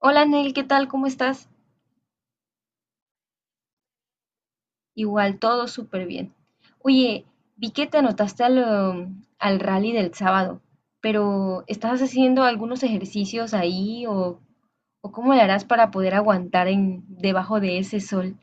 Hola Nel, ¿qué tal? ¿Cómo estás? Igual, todo súper bien. Oye, vi que te anotaste al rally del sábado, pero ¿estás haciendo algunos ejercicios ahí o cómo le harás para poder aguantar en, debajo de ese sol?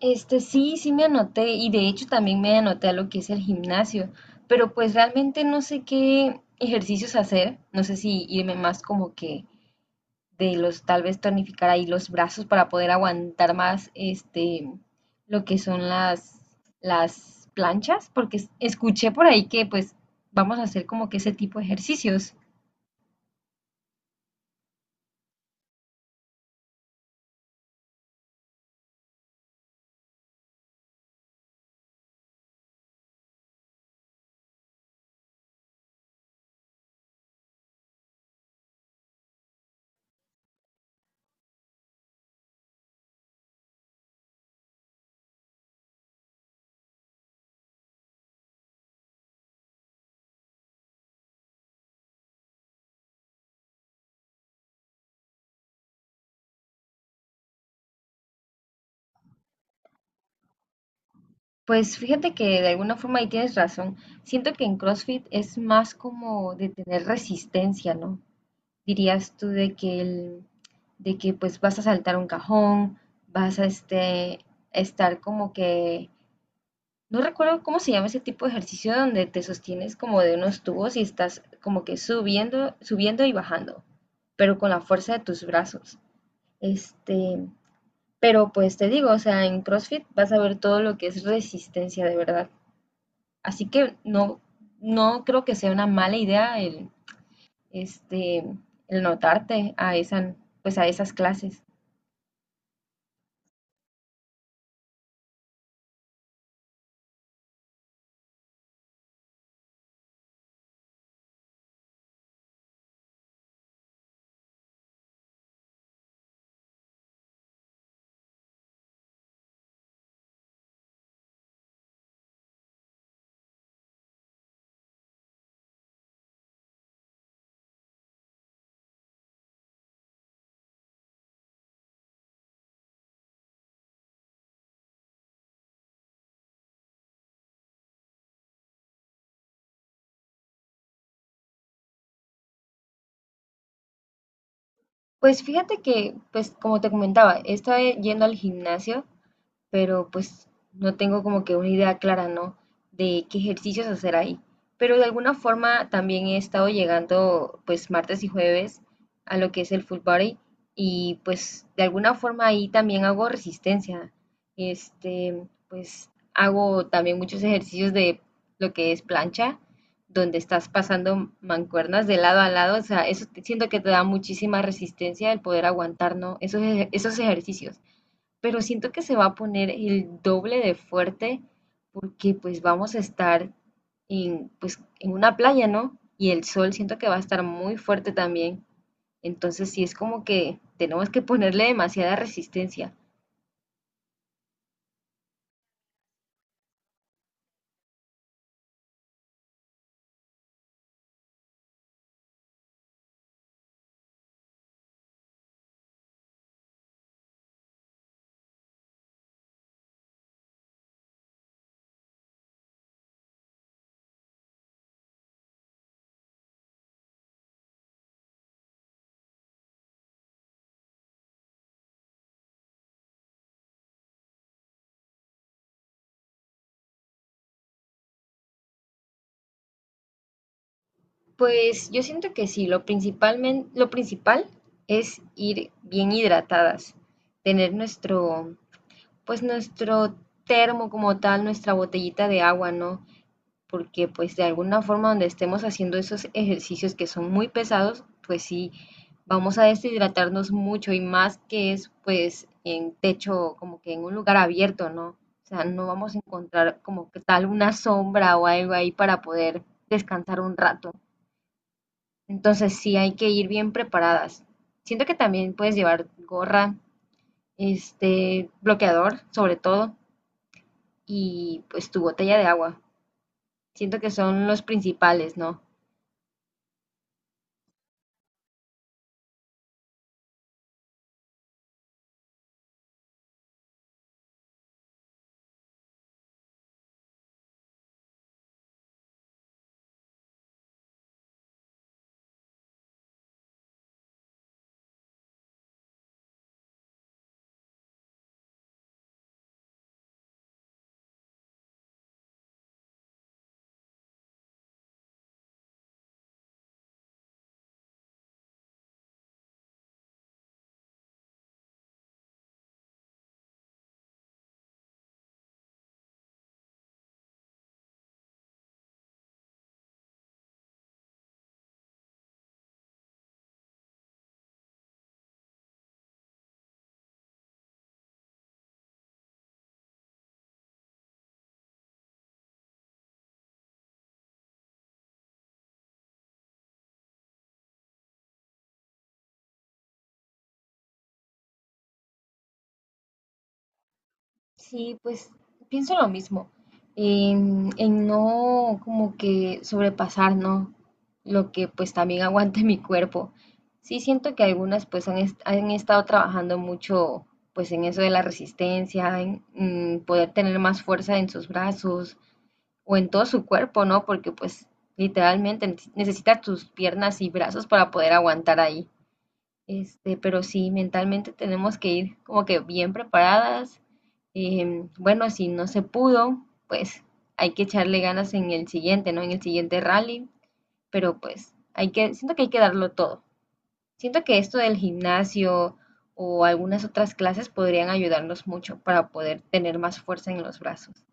Sí, me anoté y de hecho también me anoté a lo que es el gimnasio, pero pues realmente no sé qué ejercicios hacer, no sé si irme más como que de los, tal vez tonificar ahí los brazos para poder aguantar más este lo que son las planchas, porque escuché por ahí que pues vamos a hacer como que ese tipo de ejercicios. Pues fíjate que de alguna forma ahí tienes razón. Siento que en CrossFit es más como de tener resistencia, ¿no? Dirías tú de que el, de que pues vas a saltar un cajón, vas a este estar como que... No recuerdo cómo se llama ese tipo de ejercicio donde te sostienes como de unos tubos y estás como que subiendo y bajando, pero con la fuerza de tus brazos. Este, pero pues te digo, o sea, en CrossFit vas a ver todo lo que es resistencia de verdad. Así que no, no creo que sea una mala idea este, el notarte a esa, pues a esas clases. Pues fíjate que, pues como te comentaba, estaba yendo al gimnasio pero pues no tengo como que una idea clara, ¿no? De qué ejercicios hacer ahí. Pero de alguna forma también he estado llegando pues martes y jueves a lo que es el full body y pues de alguna forma ahí también hago resistencia. Este, pues hago también muchos ejercicios de lo que es plancha, donde estás pasando mancuernas de lado a lado, o sea, siento que te da muchísima resistencia el poder aguantar, ¿no? Esos ejercicios, pero siento que se va a poner el doble de fuerte porque pues vamos a estar en, pues, en una playa, ¿no? Y el sol siento que va a estar muy fuerte también. Entonces sí es como que tenemos que ponerle demasiada resistencia. Pues yo siento que sí, lo principal es ir bien hidratadas, tener nuestro, pues nuestro termo como tal, nuestra botellita de agua, ¿no? Porque pues de alguna forma donde estemos haciendo esos ejercicios que son muy pesados, pues sí, vamos a deshidratarnos mucho y más que es pues en techo, como que en un lugar abierto, ¿no? O sea, no vamos a encontrar como que tal una sombra o algo ahí para poder descansar un rato. Entonces sí hay que ir bien preparadas. Siento que también puedes llevar gorra, este bloqueador sobre todo y pues tu botella de agua. Siento que son los principales, ¿no? Sí, pues pienso lo mismo, en no como que sobrepasar, ¿no? Lo que pues también aguante mi cuerpo. Sí siento que algunas pues han estado trabajando mucho pues en eso de la resistencia, en poder tener más fuerza en sus brazos o en todo su cuerpo, ¿no? Porque pues literalmente necesitas tus piernas y brazos para poder aguantar ahí. Pero sí, mentalmente tenemos que ir como que bien preparadas. Bueno, si no se pudo, pues hay que echarle ganas en el siguiente, ¿no? En el siguiente rally, pero pues hay que, siento que hay que darlo todo. Siento que esto del gimnasio o algunas otras clases podrían ayudarnos mucho para poder tener más fuerza en los brazos.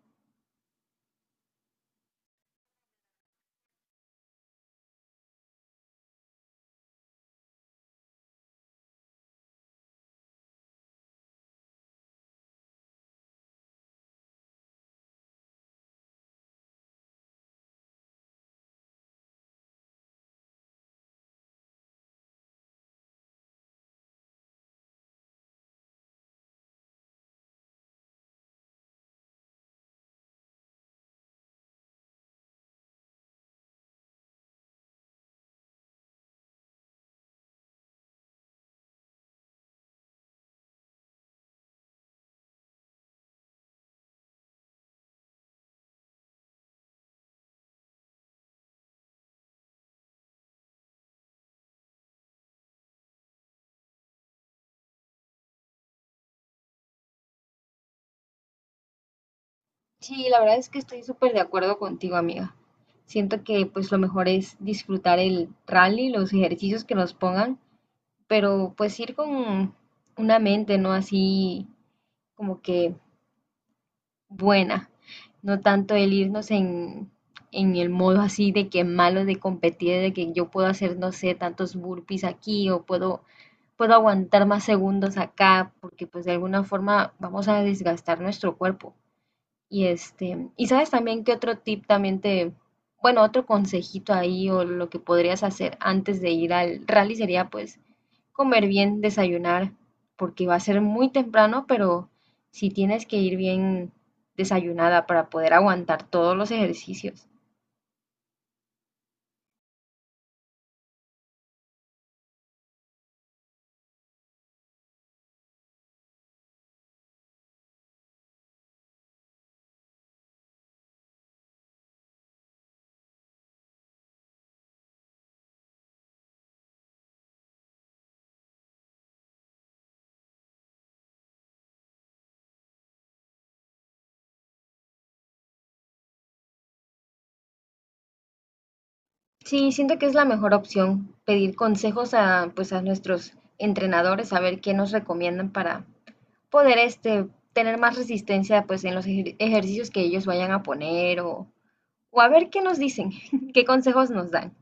Sí, la verdad es que estoy súper de acuerdo contigo, amiga. Siento que pues lo mejor es disfrutar el rally, los ejercicios que nos pongan, pero pues ir con una mente, ¿no? Así como que buena, no tanto el irnos en el modo así de que malo de competir, de que yo puedo hacer, no sé, tantos burpees aquí o puedo, puedo aguantar más segundos acá, porque pues de alguna forma vamos a desgastar nuestro cuerpo. Y este, y sabes también que otro tip también te, bueno, otro consejito ahí o lo que podrías hacer antes de ir al rally sería pues comer bien, desayunar, porque va a ser muy temprano, pero sí tienes que ir bien desayunada para poder aguantar todos los ejercicios. Sí, siento que es la mejor opción pedir consejos a, pues, a nuestros entrenadores, saber qué nos recomiendan para poder este, tener más resistencia pues, en los ejercicios que ellos vayan a poner o a ver qué nos dicen, qué consejos nos dan.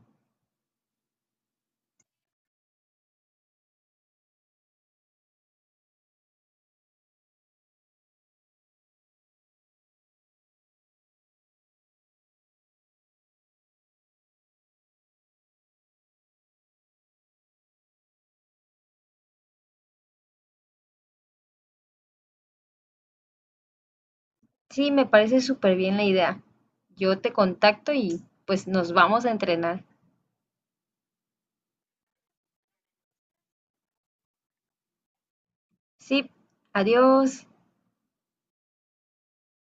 Sí, me parece súper bien la idea. Yo te contacto y pues nos vamos a entrenar. Sí. Adiós.